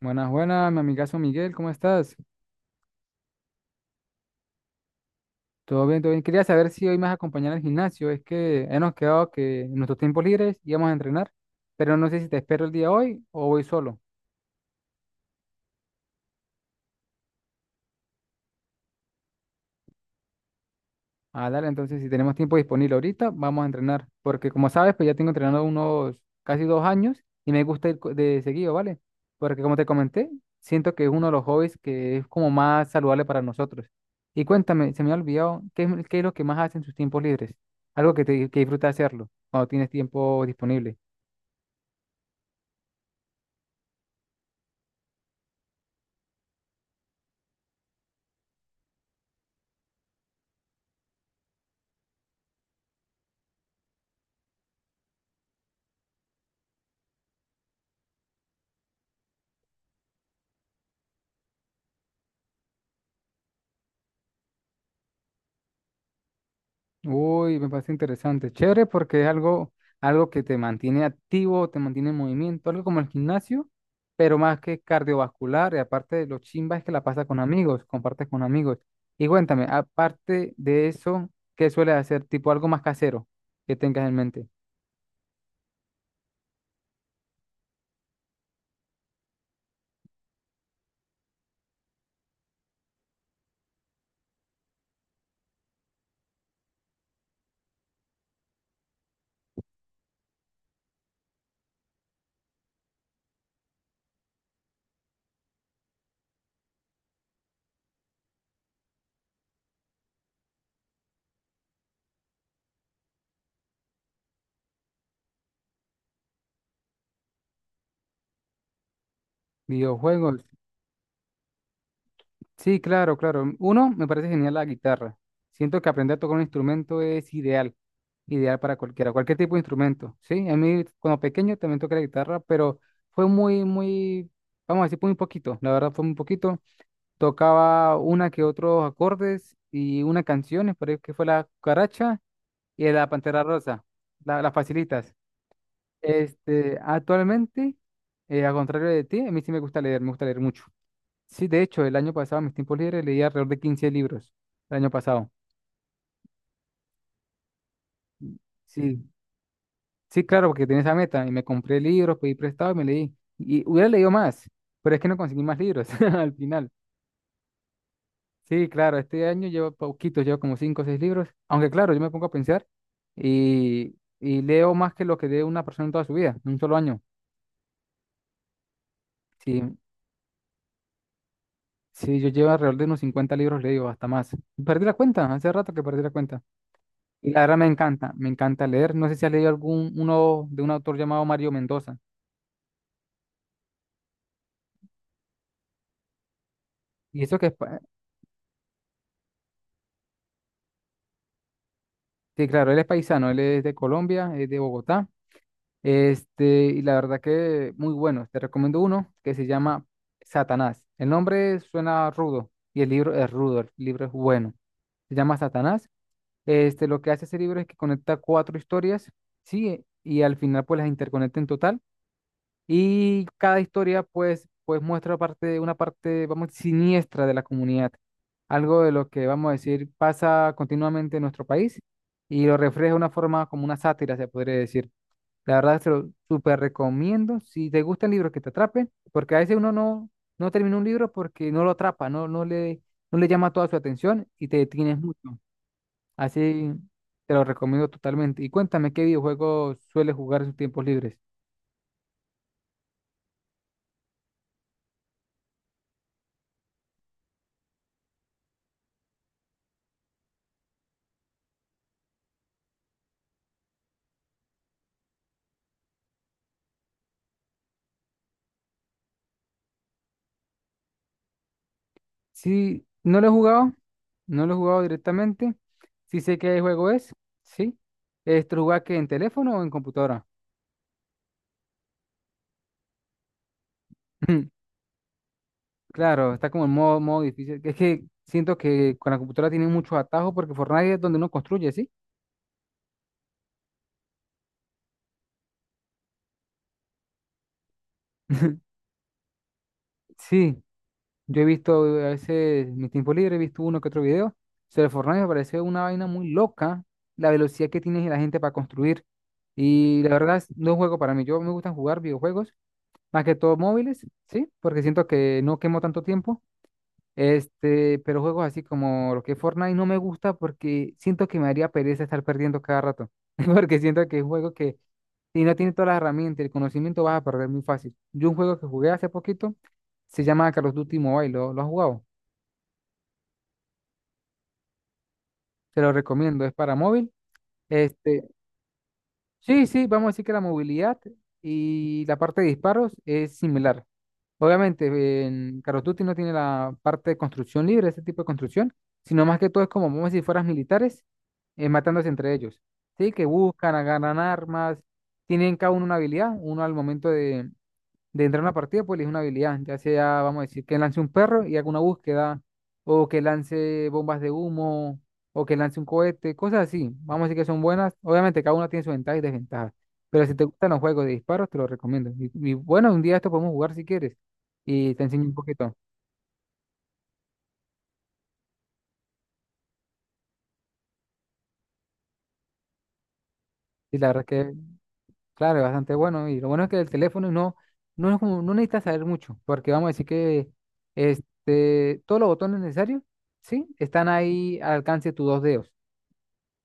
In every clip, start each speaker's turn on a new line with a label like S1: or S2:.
S1: Buenas, buenas, mi amigazo Miguel, ¿cómo estás? Todo bien, todo bien. Quería saber si hoy me vas a acompañar al gimnasio. Es que hemos quedado que en nuestros tiempos libres íbamos a entrenar, pero no sé si te espero el día hoy o voy solo. Ah, dale, entonces si tenemos tiempo disponible ahorita, vamos a entrenar, porque como sabes, pues ya tengo entrenando unos casi 2 años y me gusta ir de seguido, ¿vale? Porque como te comenté, siento que es uno de los hobbies que es como más saludable para nosotros. Y cuéntame, se me ha olvidado, qué es lo que más haces en sus tiempos libres? Algo que te que disfruta hacerlo cuando tienes tiempo disponible. Uy, me parece interesante. Chévere porque es algo que te mantiene activo, te mantiene en movimiento, algo como el gimnasio, pero más que cardiovascular. Y aparte de lo chimba es que la pasa con amigos, compartes con amigos. Y cuéntame, aparte de eso, ¿qué sueles hacer? Tipo algo más casero que tengas en mente. Videojuegos. Sí, claro, claro. Uno, me parece genial la guitarra. Siento que aprender a tocar un instrumento es ideal, ideal para cualquiera, cualquier tipo de instrumento. Sí, a mí cuando pequeño también toqué la guitarra, pero fue muy, muy, vamos a decir, muy poquito. La verdad fue muy poquito. Tocaba una que otros acordes y una canción, por ahí que fue la Cucaracha y la Pantera Rosa, las facilitas. Este, actualmente, al contrario de ti, a mí sí me gusta leer mucho. Sí, de hecho, el año pasado, en mis tiempos libres, leí alrededor de 15 libros. El año pasado. Sí, sí, claro, porque tenía esa meta. Y me compré libros, pedí prestado y me leí. Y hubiera leído más, pero es que no conseguí más libros al final. Sí, claro, este año llevo poquitos, llevo como 5 o 6 libros. Aunque, claro, yo me pongo a pensar y leo más que lo que lee una persona en toda su vida, en un solo año. Sí, sí, yo llevo alrededor de unos 50 libros leídos, hasta más. Perdí la cuenta, hace rato que perdí la cuenta. Y la verdad me encanta leer. No sé si has leído algún, uno de un autor llamado Mario Mendoza. Y eso que es, sí, claro, él es paisano, él es de Colombia, es de Bogotá. Este, y la verdad que muy bueno. Te recomiendo uno que se llama Satanás. El nombre suena rudo y el libro es rudo, el libro es bueno. Se llama Satanás. Este, lo que hace ese libro es que conecta cuatro historias, sí, y al final pues las interconecta en total. Y cada historia, pues muestra una parte, vamos, siniestra de la comunidad. Algo de lo que, vamos a decir, pasa continuamente en nuestro país y lo refleja de una forma como una sátira, se podría decir. La verdad, se lo súper recomiendo. Si te gustan libros que te atrapen, porque a veces uno no termina un libro porque no lo atrapa, no, no le llama toda su atención y te detienes mucho. Así te lo recomiendo totalmente. Y cuéntame, ¿qué videojuegos sueles jugar en sus tiempos libres? Sí, no lo he jugado, no lo he jugado directamente. Sí sé qué juego es, sí. ¿Esto lo juega que en teléfono o en computadora? Claro, está como en modo difícil. Es que siento que con la computadora tiene muchos atajos porque Fortnite es donde uno construye, ¿sí? Sí, yo he visto a veces en mi tiempo libre, he visto uno que otro video sobre Fortnite, me parece una vaina muy loca la velocidad que tiene la gente para construir. Y la verdad no es un juego para mí. Yo me gusta jugar videojuegos más que todo móviles, sí, porque siento que no quemo tanto tiempo. Este, pero juegos así como lo que es Fortnite no me gusta porque siento que me haría pereza estar perdiendo cada rato. Porque siento que es un juego que si no tiene todas las herramientas y el conocimiento vas a perder muy fácil. Yo un juego que jugué hace poquito se llama Call of Duty Mobile, ¿lo has jugado? Te lo recomiendo, es para móvil. Este, sí, sí, vamos a decir que la movilidad y la parte de disparos es similar. Obviamente, en Call of Duty no tiene la parte de construcción libre, ese tipo de construcción, sino más que todo es como, vamos a decir, fueras militares, matándose entre ellos. Sí, que buscan, agarran armas, tienen cada uno una habilidad, uno al momento de entrar a una partida, pues elige una habilidad, ya sea, vamos a decir, que lance un perro y haga una búsqueda, o que lance bombas de humo, o que lance un cohete, cosas así. Vamos a decir que son buenas. Obviamente, cada una tiene sus ventajas y desventajas, pero si te gustan los juegos de disparos, te los recomiendo. Y bueno, un día esto podemos jugar si quieres y te enseño un poquito. Y la verdad es que, claro, es bastante bueno. Y lo bueno es que el teléfono no, no es como, no necesitas saber mucho, porque vamos a decir que este, todos los botones necesarios, ¿sí? Están ahí al alcance de tus dos dedos.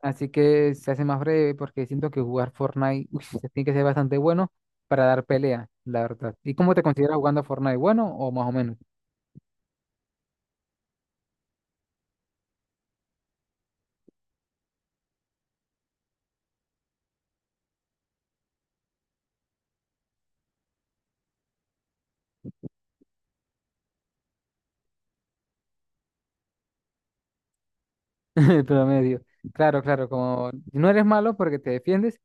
S1: Así que se hace más breve porque siento que jugar Fortnite, uy, se tiene que ser bastante bueno para dar pelea, la verdad. ¿Y cómo te consideras jugando Fortnite? ¿Bueno o más o menos? pero medio Claro, claro, como no eres malo porque te defiendes,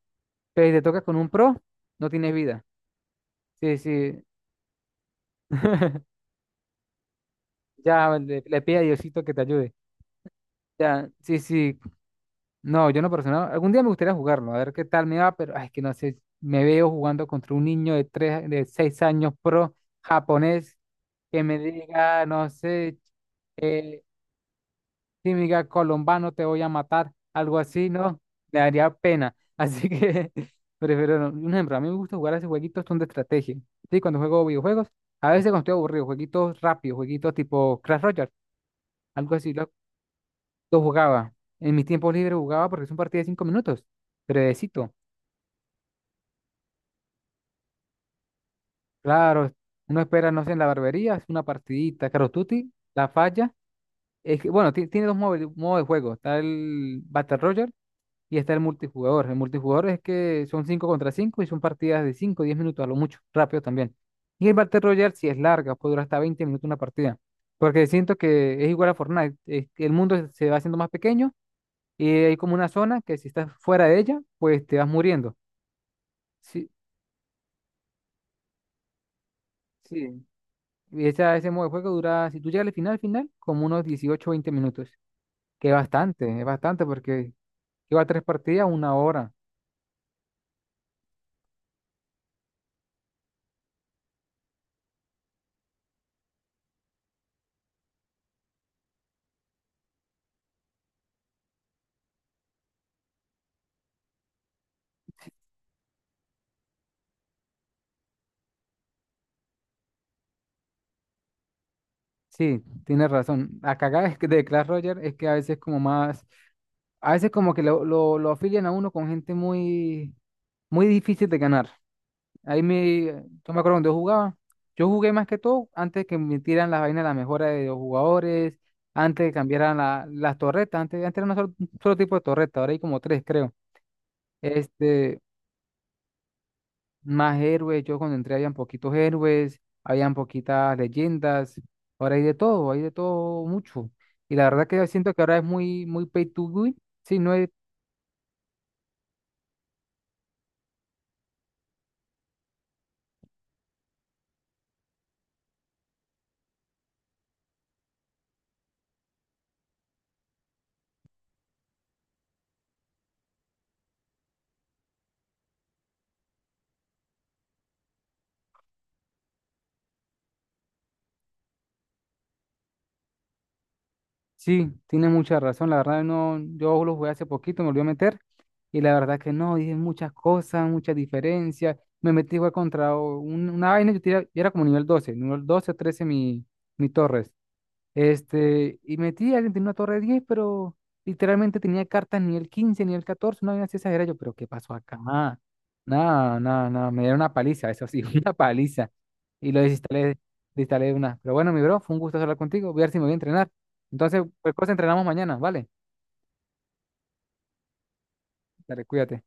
S1: pero si te tocas con un pro, no tienes vida. Sí, sí, ya le pide a Diosito que te ayude. Ya, sí, sí. No, yo no personal. Algún día me gustaría jugarlo, a ver qué tal me va, pero ay, es que no sé, me veo jugando contra un niño de tres, de 6 años pro japonés que me diga, no sé, eh, si me diga colombano te voy a matar, algo así, ¿no? Me daría pena. Así que prefiero no. Un ejemplo, a mí me gusta jugar a esos jueguitos son de estrategia. Sí, cuando juego videojuegos, a veces cuando estoy aburrido, jueguitos rápidos, jueguitos tipo Crash Royale, algo así. Lo jugaba. En mi tiempo libre jugaba porque es un partido de 5 minutos. Brevecito. Claro, uno espera, no sé, en la barbería, es una partidita. Caro Tutti, la falla. Es que, bueno, tiene dos modos de juego. Está el Battle Royale y está el multijugador. El multijugador es que son cinco contra cinco y son partidas de cinco, 10 minutos a lo mucho, rápido también. Y el Battle Royale si es larga, puede durar hasta 20 minutos una partida. Porque siento que es igual a Fortnite, es que el mundo se va haciendo más pequeño y hay como una zona que si estás fuera de ella, pues te vas muriendo. Sí, sí. Y ese modo de juego dura, si tú llegas al final, final, como unos 18 o 20 minutos. Que es bastante porque lleva tres partidas, una hora. Sí, tienes razón. La cagada es que de Clash Royale es que a veces como más, a veces como que lo afilian a uno con gente muy, muy difícil de ganar. Yo me acuerdo cuando yo jugaba. Yo jugué más que todo antes que metieran las vainas, la mejora de los jugadores, antes que cambiaran las torretas. Antes, antes era un solo tipo de torreta, ahora hay como tres, creo. Este, más héroes, yo cuando entré habían poquitos héroes, habían poquitas leyendas, ahora hay de todo mucho. Y la verdad que yo siento que ahora es muy, muy pay to win. Sí, no es, sí, tiene mucha razón. La verdad no, yo lo jugué hace poquito, me volví a meter. Y la verdad que no, dije muchas cosas, muchas diferencias. Me metí a jugar contra una vaina, yo era como nivel 12, 13 mi Torres. Este, y metí, alguien tenía una torre de 10 pero literalmente tenía cartas ni el 15 ni el 14 no había así exagerado. Yo, pero ¿qué pasó acá? Ah, no, no, no, me dieron una paliza, eso sí, una paliza. Y lo desinstalé, desinstalé una. Pero bueno, mi bro, fue un gusto hablar contigo. Voy a ver si me voy a entrenar. Entonces, pues cosa entrenamos mañana, ¿vale? Dale, cuídate.